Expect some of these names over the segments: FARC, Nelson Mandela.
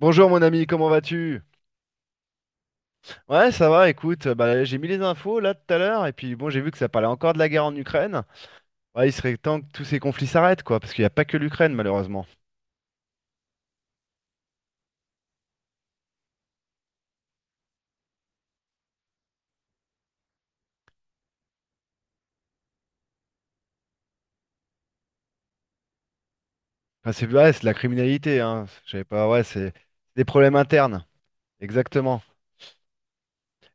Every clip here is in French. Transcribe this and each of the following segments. Bonjour mon ami, comment vas-tu? Ouais, ça va, écoute, bah, j'ai mis les infos là tout à l'heure, et puis bon, j'ai vu que ça parlait encore de la guerre en Ukraine. Ouais, il serait temps que tous ces conflits s'arrêtent, quoi, parce qu'il n'y a pas que l'Ukraine, malheureusement. Enfin, c'est ouais, c'est de la criminalité, hein. Je savais pas, ouais, c'est des problèmes internes, exactement.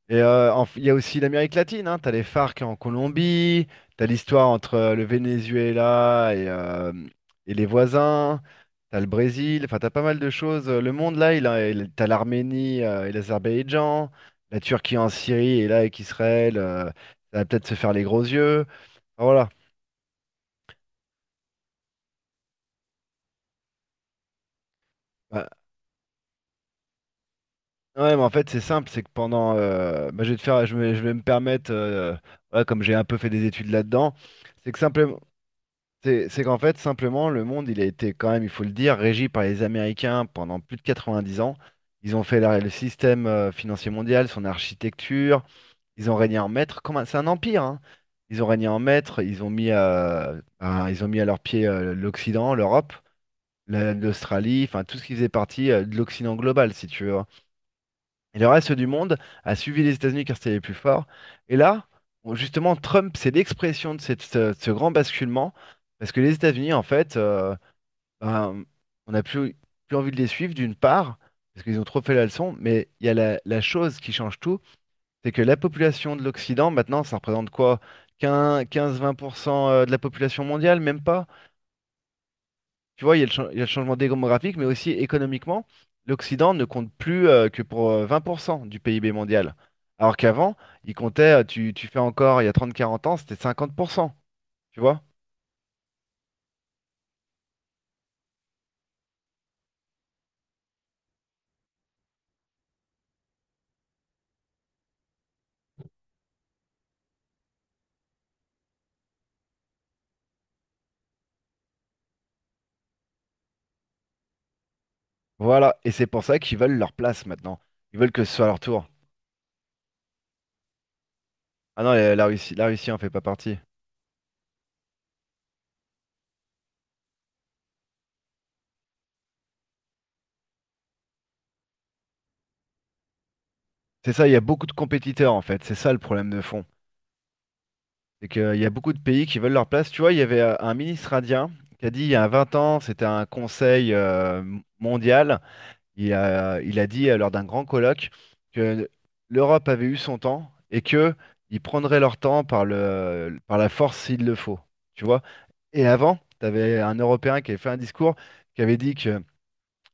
Il y a aussi l'Amérique latine, hein. T'as les FARC en Colombie, t'as l'histoire entre le Venezuela et les voisins, t'as le Brésil, enfin t'as pas mal de choses. Le monde là, t'as l'Arménie et l'Azerbaïdjan, la Turquie en Syrie et là avec Israël, ça va peut-être se faire les gros yeux. Enfin, voilà. Bah, ouais, mais en fait c'est simple, c'est que pendant, bah, je vais te faire, je vais me permettre, voilà, comme j'ai un peu fait des études là-dedans, c'est que simplement, c'est qu'en fait, simplement, le monde, il a été quand même, il faut le dire, régi par les Américains pendant plus de 90 ans. Ils ont fait le système financier mondial, son architecture. Ils ont régné en maître. C'est un empire, hein. Ils ont régné en maître. Ben, ils ont mis à leurs pieds l'Occident, l'Europe, l'Australie, enfin tout ce qui faisait partie de l'Occident global, si tu veux. Et le reste du monde a suivi les États-Unis car c'était les plus forts. Et là, bon, justement, Trump, c'est l'expression de ce grand basculement, parce que les États-Unis, en fait, ben, on n'a plus envie de les suivre, d'une part, parce qu'ils ont trop fait la leçon, mais il y a la chose qui change tout, c'est que la population de l'Occident, maintenant, ça représente quoi? 15-20% de la population mondiale, même pas? Tu vois, il y a le, cha- il y a le changement démographique, mais aussi économiquement, l'Occident ne compte plus que pour 20% du PIB mondial. Alors qu'avant, tu fais encore, il y a 30, 40 ans, c'était 50%. Tu vois? Voilà, et c'est pour ça qu'ils veulent leur place maintenant. Ils veulent que ce soit leur tour. Ah non, la Russie en fait pas partie. C'est ça, il y a beaucoup de compétiteurs en fait, c'est ça le problème de fond. C'est qu'il y a beaucoup de pays qui veulent leur place. Tu vois, il y avait un ministre indien qui a dit il y a 20 ans, c'était un conseil mondial. Il a dit lors d'un grand colloque que l'Europe avait eu son temps et que ils prendraient leur temps par la force s'il le faut. Tu vois? Et avant, tu avais un Européen qui avait fait un discours qui avait dit que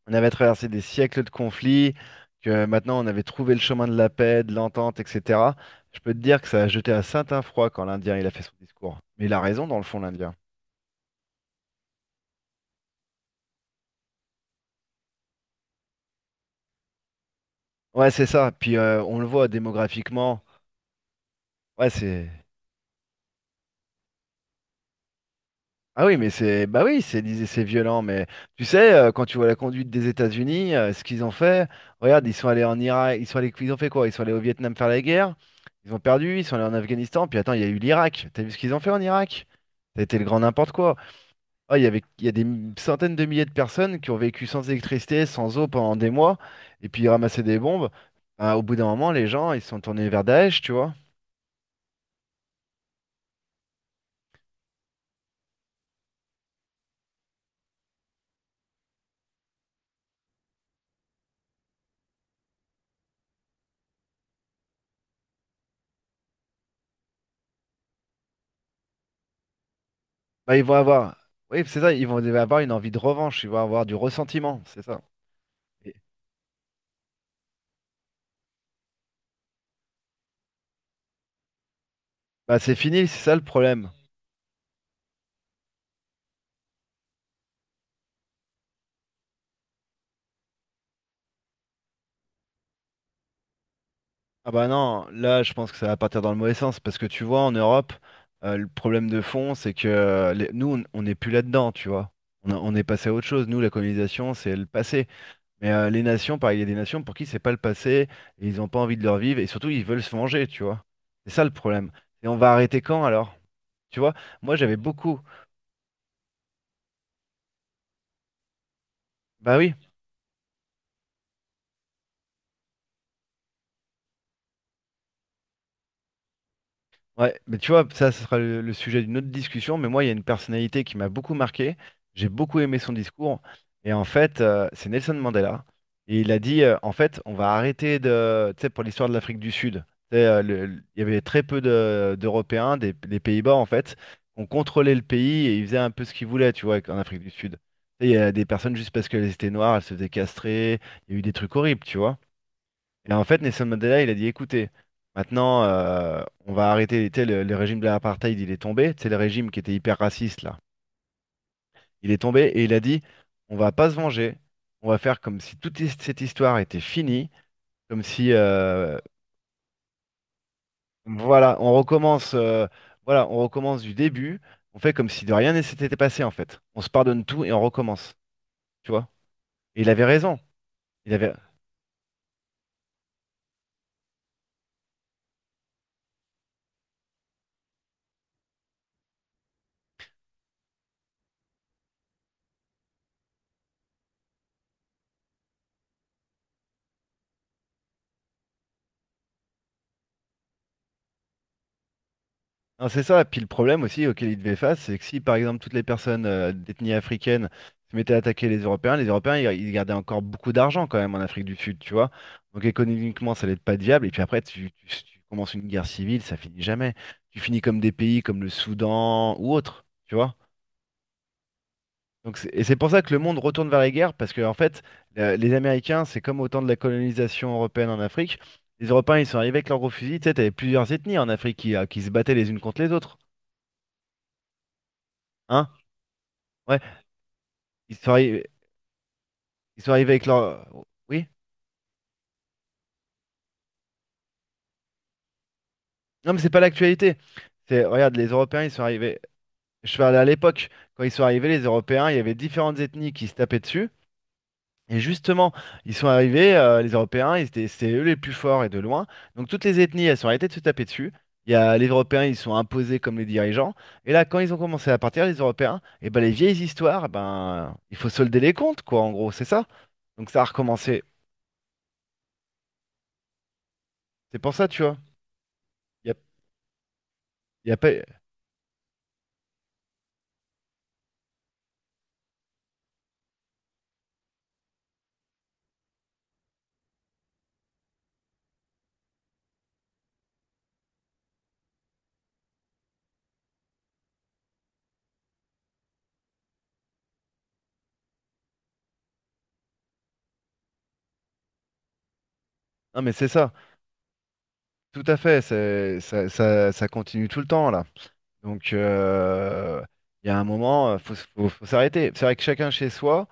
on avait traversé des siècles de conflits, que maintenant on avait trouvé le chemin de la paix, de l'entente, etc. Je peux te dire que ça a jeté un certain froid quand l'Indien il a fait son discours. Mais il a raison dans le fond, l'Indien. Ouais, c'est ça. Puis on le voit démographiquement. Ouais, c'est ah oui, mais c'est, bah oui, c'est violent, mais tu sais, quand tu vois la conduite des États-Unis, ce qu'ils ont fait, regarde, ils sont allés en Irak, ils ont fait quoi? Ils sont allés au Vietnam faire la guerre, ils ont perdu, ils sont allés en Afghanistan, puis attends, il y a eu l'Irak. T'as vu ce qu'ils ont fait en Irak? Ça a été le grand n'importe quoi. Ah, il y a des centaines de milliers de personnes qui ont vécu sans électricité, sans eau pendant des mois, et puis ils ramassaient des bombes. Ah, au bout d'un moment, les gens, ils se sont tournés vers Daesh, tu vois. Bah, oui, c'est ça, ils vont avoir une envie de revanche, ils vont avoir du ressentiment, c'est ça. Bah c'est fini, c'est ça le problème. Ah bah non, là je pense que ça va partir dans le mauvais sens parce que tu vois en Europe, le problème de fond c'est que nous on n'est plus là-dedans, tu vois. On est passé à autre chose. Nous la colonisation c'est le passé. Mais les nations, pareil, il y a des nations pour qui c'est pas le passé et ils n'ont pas envie de le revivre et surtout ils veulent se venger, tu vois. C'est ça le problème. Et on va arrêter quand alors? Tu vois, moi j'avais beaucoup. Bah oui. Ouais, mais tu vois, ça, ce sera le sujet d'une autre discussion. Mais moi, il y a une personnalité qui m'a beaucoup marqué. J'ai beaucoup aimé son discours. Et en fait, c'est Nelson Mandela. Et il a dit, en fait, on va arrêter de. Tu sais, pour l'histoire de l'Afrique du Sud, tu sais, il y avait très peu d'Européens, des Pays-Bas, en fait. On contrôlait le pays et ils faisaient un peu ce qu'ils voulaient, tu vois, en Afrique du Sud. Tu sais, il y a des personnes, juste parce qu'elles étaient noires, elles se faisaient castrer. Il y a eu des trucs horribles, tu vois. Et en fait, Nelson Mandela, il a dit, écoutez, maintenant, on va arrêter, tu sais, le régime de l'apartheid, il est tombé, c'est le régime qui était hyper raciste, là. Il est tombé et il a dit, on va pas se venger, on va faire comme si toute cette histoire était finie, comme si, voilà, on recommence, euh, voilà, on recommence du début, on fait comme si de rien ne s'était passé, en fait. On se pardonne tout et on recommence, tu vois. Et il avait raison. Il avait, Non, c'est ça. Puis le problème aussi auquel ils devaient face, c'est que si par exemple toutes les personnes d'ethnie africaine se mettaient à attaquer les Européens ils gardaient encore beaucoup d'argent quand même en Afrique du Sud, tu vois. Donc économiquement ça allait être pas viable. Et puis après si tu commences une guerre civile, ça finit jamais. Tu finis comme des pays comme le Soudan ou autre, tu vois. Donc et c'est pour ça que le monde retourne vers les guerres parce que en fait les Américains c'est comme au temps de la colonisation européenne en Afrique. Les Européens ils sont arrivés avec leurs gros fusils. Tu sais, t'avais plusieurs ethnies en Afrique qui se battaient les unes contre les autres, hein? Ouais. Ils sont arrivés, ils sont arrivés avec leur. Oui? Non, mais c'est pas l'actualité. Regarde, les Européens, ils sont arrivés. Je parlais à l'époque, quand ils sont arrivés, les Européens, il y avait différentes ethnies qui se tapaient dessus. Et justement, ils sont arrivés, les Européens, c'est eux les plus forts et de loin. Donc toutes les ethnies, elles sont arrêtées de se taper dessus. Les Européens, ils sont imposés comme les dirigeants. Et là, quand ils ont commencé à partir, les Européens, et ben les vieilles histoires, eh ben il faut solder les comptes, quoi, en gros, c'est ça. Donc ça a recommencé. C'est pour ça, tu vois. Il y a, il y a pas. Non, mais c'est ça. Tout à fait, ça continue tout le temps là. Donc il y a un moment, faut s'arrêter. C'est vrai que chacun chez soi,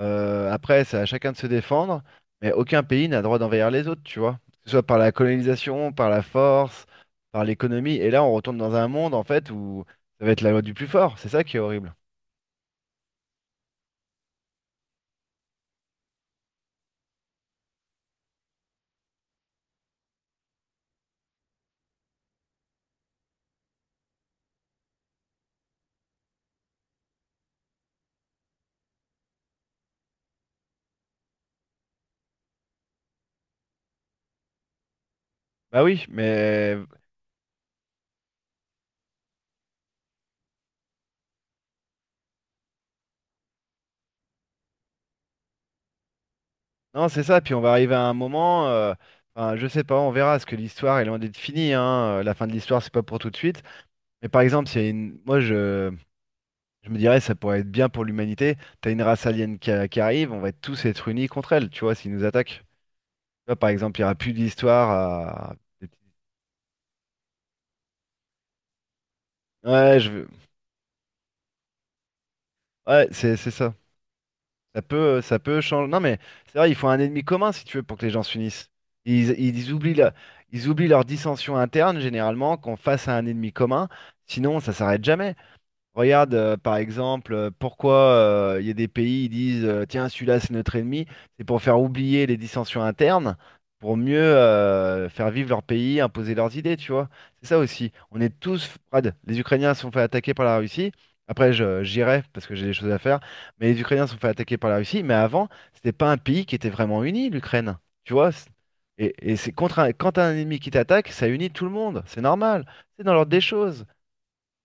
après c'est à chacun de se défendre, mais aucun pays n'a le droit d'envahir les autres, tu vois. Que ce soit par la colonisation, par la force, par l'économie. Et là on retourne dans un monde en fait où ça va être la loi du plus fort, c'est ça qui est horrible. Bah oui, mais non c'est ça, puis on va arriver à un moment, enfin, je sais pas, on verra, parce que l'histoire est loin d'être finie, hein. La fin de l'histoire c'est pas pour tout de suite. Mais par exemple, s'il y a une... moi je me dirais ça pourrait être bien pour l'humanité. T'as une race alien qui arrive, on va tous être unis contre elle, tu vois, s'ils nous attaquent. Tu vois, par exemple, il n'y aura plus d'histoire. Ouais. Ouais, c'est ça. Ça peut changer. Non, mais c'est vrai, il faut un ennemi commun, si tu veux, pour que les gens s'unissent. Ils, ils oublient la- ils oublient leur dissension interne, généralement, qu'on face à un ennemi commun. Sinon, ça s'arrête jamais. Regarde, par exemple, pourquoi il y a des pays qui disent tiens, celui-là c'est notre ennemi, c'est pour faire oublier les dissensions internes, pour mieux faire vivre leur pays, imposer leurs idées, tu vois. C'est ça aussi. On est tous, Fred, les Ukrainiens se sont fait attaquer par la Russie. Après, j'irai parce que j'ai des choses à faire, mais les Ukrainiens se sont fait attaquer par la Russie. Mais avant, c'était pas un pays qui était vraiment uni, l'Ukraine. Tu vois? Et quand t'as un ennemi qui t'attaque, ça unit tout le monde. C'est normal. C'est dans l'ordre des choses.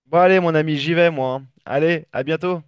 Bon, allez, mon ami, j'y vais, moi, hein. Allez, à bientôt.